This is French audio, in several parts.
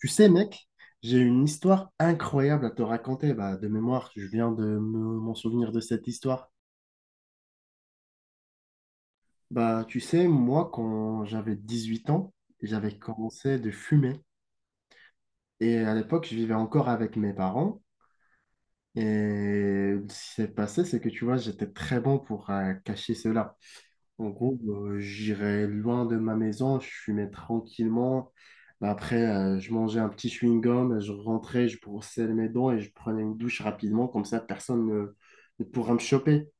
Tu sais, mec, j'ai une histoire incroyable à te raconter. De mémoire, je viens de m'en souvenir de cette histoire. Tu sais, moi, quand j'avais 18 ans, j'avais commencé de fumer. Et à l'époque, je vivais encore avec mes parents. Et ce qui s'est passé, c'est que tu vois, j'étais très bon pour cacher cela. En gros, j'irai loin de ma maison, je fumais tranquillement. Après, je mangeais un petit chewing-gum, je rentrais, je brossais mes dents et je prenais une douche rapidement, comme ça personne ne pourra me choper.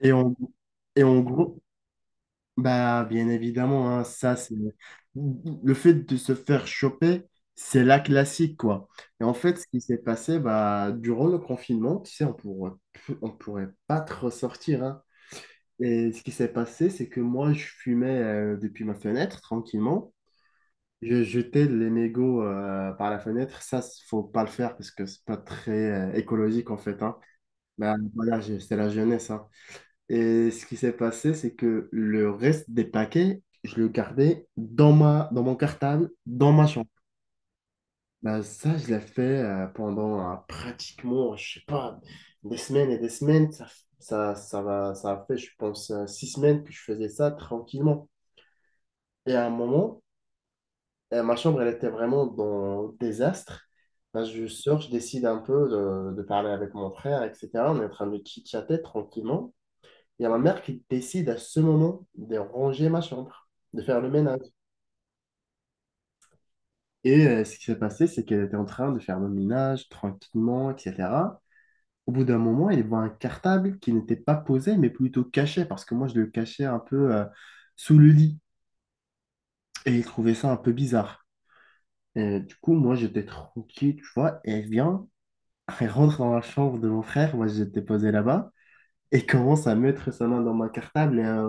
Et en, et en gros, bah, bien évidemment, hein, ça, c'est le fait de se faire choper, c'est la classique, quoi. Et en fait, ce qui s'est passé, bah, durant le confinement, tu sais, on pourrait pas trop sortir, hein. Et ce qui s'est passé, c'est que moi, je fumais depuis ma fenêtre tranquillement. Je jetais les mégots par la fenêtre. Ça, faut pas le faire parce que c'est pas très écologique en fait. Hein. Ben, voilà, c'est la jeunesse, hein. Et ce qui s'est passé, c'est que le reste des paquets, je le gardais dans mon cartable, dans ma chambre. Ben, ça, je l'ai fait pendant pratiquement, je sais pas, des semaines et des semaines. Ça va, ça a fait, je pense, six semaines que je faisais ça tranquillement. Et à un moment, ma chambre, elle était vraiment dans le désastre. Là, je sors, je décide un peu de parler avec mon frère, etc. On est en train de chit-chatter tranquillement. Il y a ma mère qui décide à ce moment de ranger ma chambre, de faire le ménage. Et ce qui s'est passé, c'est qu'elle était en train de faire le ménage tranquillement, etc. Au bout d'un moment, elle voit un cartable qui n'était pas posé, mais plutôt caché, parce que moi, je le cachais un peu sous le lit. Et il trouvait ça un peu bizarre. Et du coup, moi, j'étais tranquille, tu vois, et elle vient, elle rentre dans la chambre de mon frère, moi j'étais posé là-bas, et commence à mettre sa main dans mon cartable et à,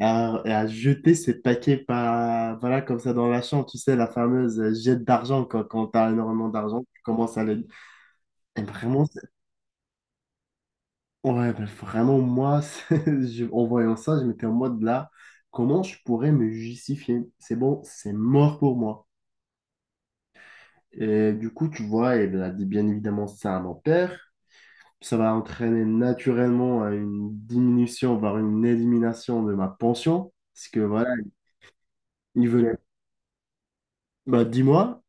à- et à jeter ses paquets par, voilà, comme ça dans la chambre, tu sais, la fameuse jette d'argent, quand t'as énormément d'argent, tu commences à les... Et vraiment, ouais, mais vraiment, moi, en voyant ça, je m'étais en mode là, comment je pourrais me justifier? C'est bon, c'est mort pour moi. Et du coup, tu vois, elle a dit bien évidemment ça à mon père. Ça va entraîner naturellement à une diminution, voire une élimination de ma pension. Parce que voilà, il venait, bah, dis-moi,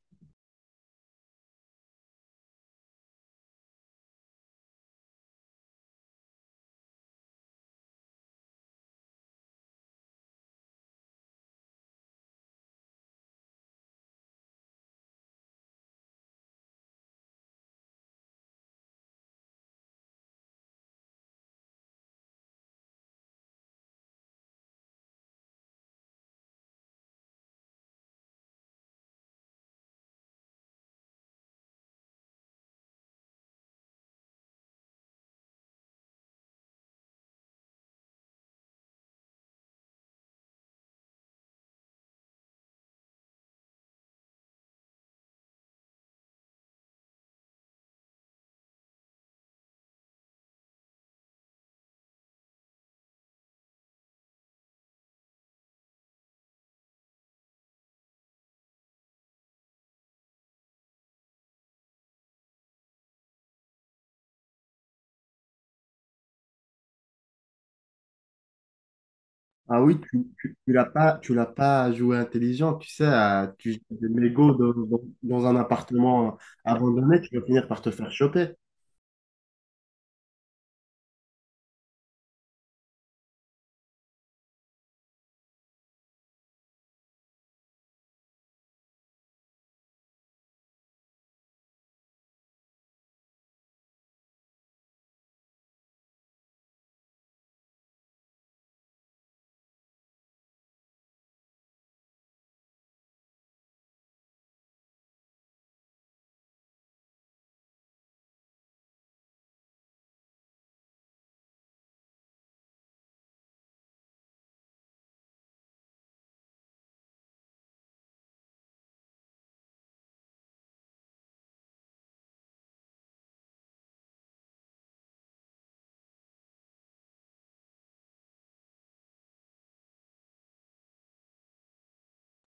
ah oui, tu l'as pas joué intelligent, tu sais, tu jettes des mégots dans un appartement abandonné, tu vas finir par te faire choper.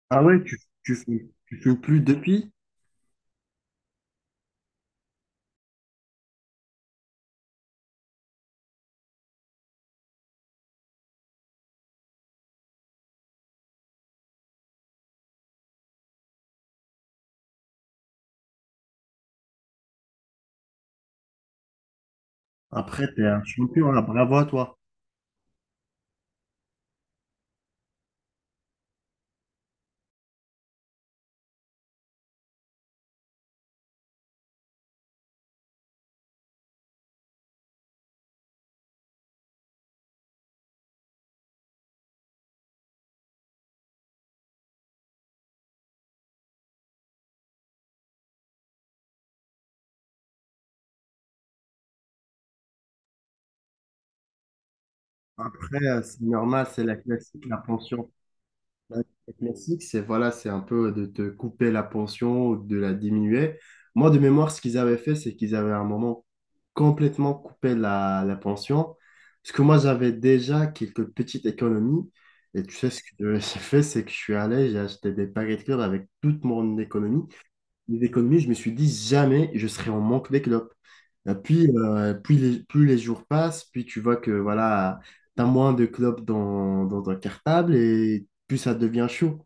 Ah ouais, tu fumes plus depuis, après, t'es un champion, là, bravo à toi. Après, c'est normal, c'est la classique, la pension. Ouais, le classique, c'est voilà, c'est un peu de te couper la pension ou de la diminuer. Moi, de mémoire, ce qu'ils avaient fait, c'est qu'ils avaient à un moment complètement coupé la pension. Parce que moi, j'avais déjà quelques petites économies. Et tu sais, ce que j'ai fait, c'est que je suis allé, j'ai acheté des paquets de clubs avec toute mon économie les économies, je me suis dit jamais je serai en manque d'éclopes. Et puis, puis plus les jours passent, puis tu vois que voilà, tu as moins de clopes dans ton cartable et plus ça devient chaud.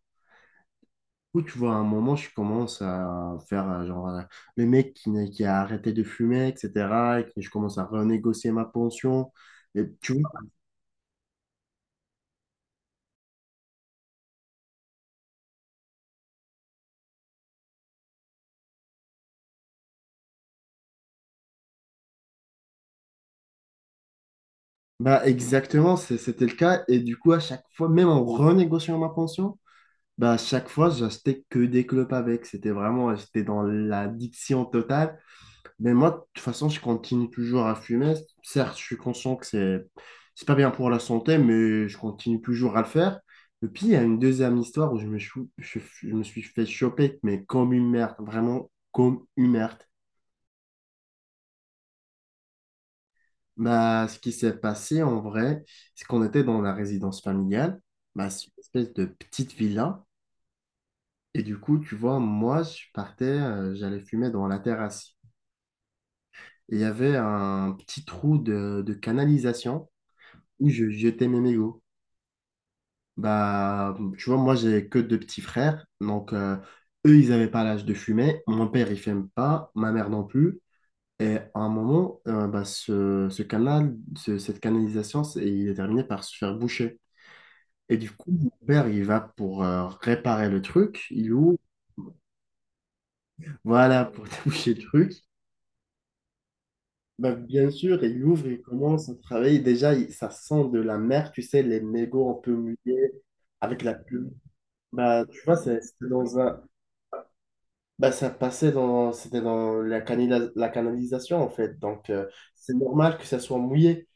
Ou tu vois, à un moment, je commence à faire genre le mec qui, qui a arrêté de fumer, etc. Et que je commence à renégocier ma pension. Et tu vois, bah exactement, c'était le cas. Et du coup, à chaque fois, même en renégociant ma pension, bah, chaque fois, j'achetais que des clopes avec. C'était vraiment, j'étais dans l'addiction totale. Mais moi, de toute façon, je continue toujours à fumer. Certes, je suis conscient que c'est pas bien pour la santé, mais je continue toujours à le faire. Et puis, il y a une deuxième histoire où je me suis fait choper, mais comme une merde, vraiment comme une merde. Bah, ce qui s'est passé en vrai, c'est qu'on était dans la résidence familiale. Bah, c'est une espèce de petite villa. Et du coup, tu vois, moi, je partais, j'allais fumer dans la terrasse. Et il y avait un petit trou de canalisation où je jetais mes mégots. Bah, tu vois, moi, j'ai que deux petits frères. Donc, eux, ils n'avaient pas l'âge de fumer. Mon père, il fume pas. Ma mère non plus. Et à un moment, bah, ce canal, cette canalisation, il est terminé par se faire boucher. Et du coup, mon père, il va pour réparer le truc. Il ouvre. Voilà, pour déboucher le truc. Bah, bien sûr, il ouvre, il commence à travailler. Déjà, ça sent de la mer, tu sais, les mégots un peu mouillés avec la pluie. Bah, tu vois, c'était dans un... bah, ça passait dans, c'était dans la, la canalisation, en fait. Donc, c'est normal que ça soit mouillé.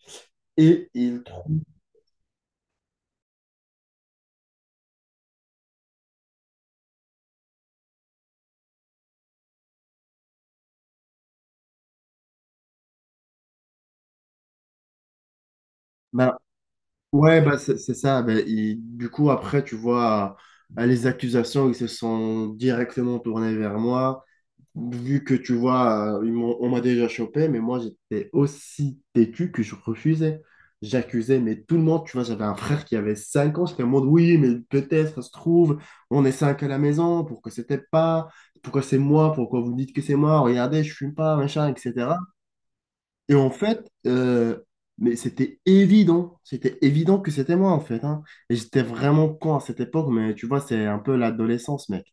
Et il trouve. Bah, ouais, bah, c'est ça. Bah, du coup, après, tu vois, les accusations, ils se sont directement tournés vers moi. Vu que tu vois, on m'a déjà chopé, mais moi j'étais aussi têtu que je refusais. J'accusais, mais tout le monde, tu vois, j'avais un frère qui avait 5 ans, j'étais en mode oui, mais peut-être, ça se trouve, on est 5 à la maison, pourquoi c'était pas, pourquoi c'est moi, pourquoi vous dites que c'est moi, regardez, je fume pas, machin, etc. Et en fait, mais c'était évident que c'était moi en fait, hein. Et j'étais vraiment con à cette époque, mais tu vois, c'est un peu l'adolescence, mec.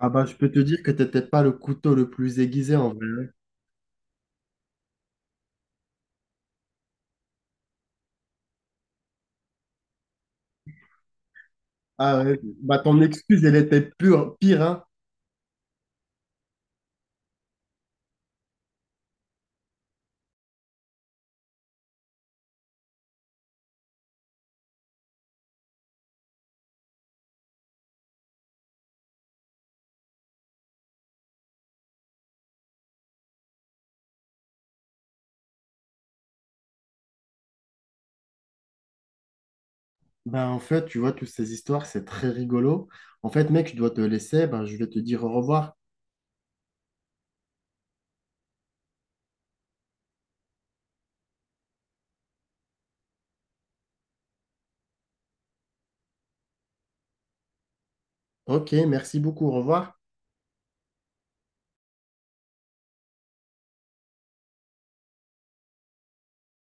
Ah bah, je peux te dire que t'étais pas le couteau le plus aiguisé en vrai. Ah ouais, bah ton excuse, elle était pure, pire, hein. Bah en fait, tu vois, toutes ces histoires, c'est très rigolo. En fait, mec, je dois te laisser. Ben, je vais te dire au revoir. Ok, merci beaucoup, au revoir.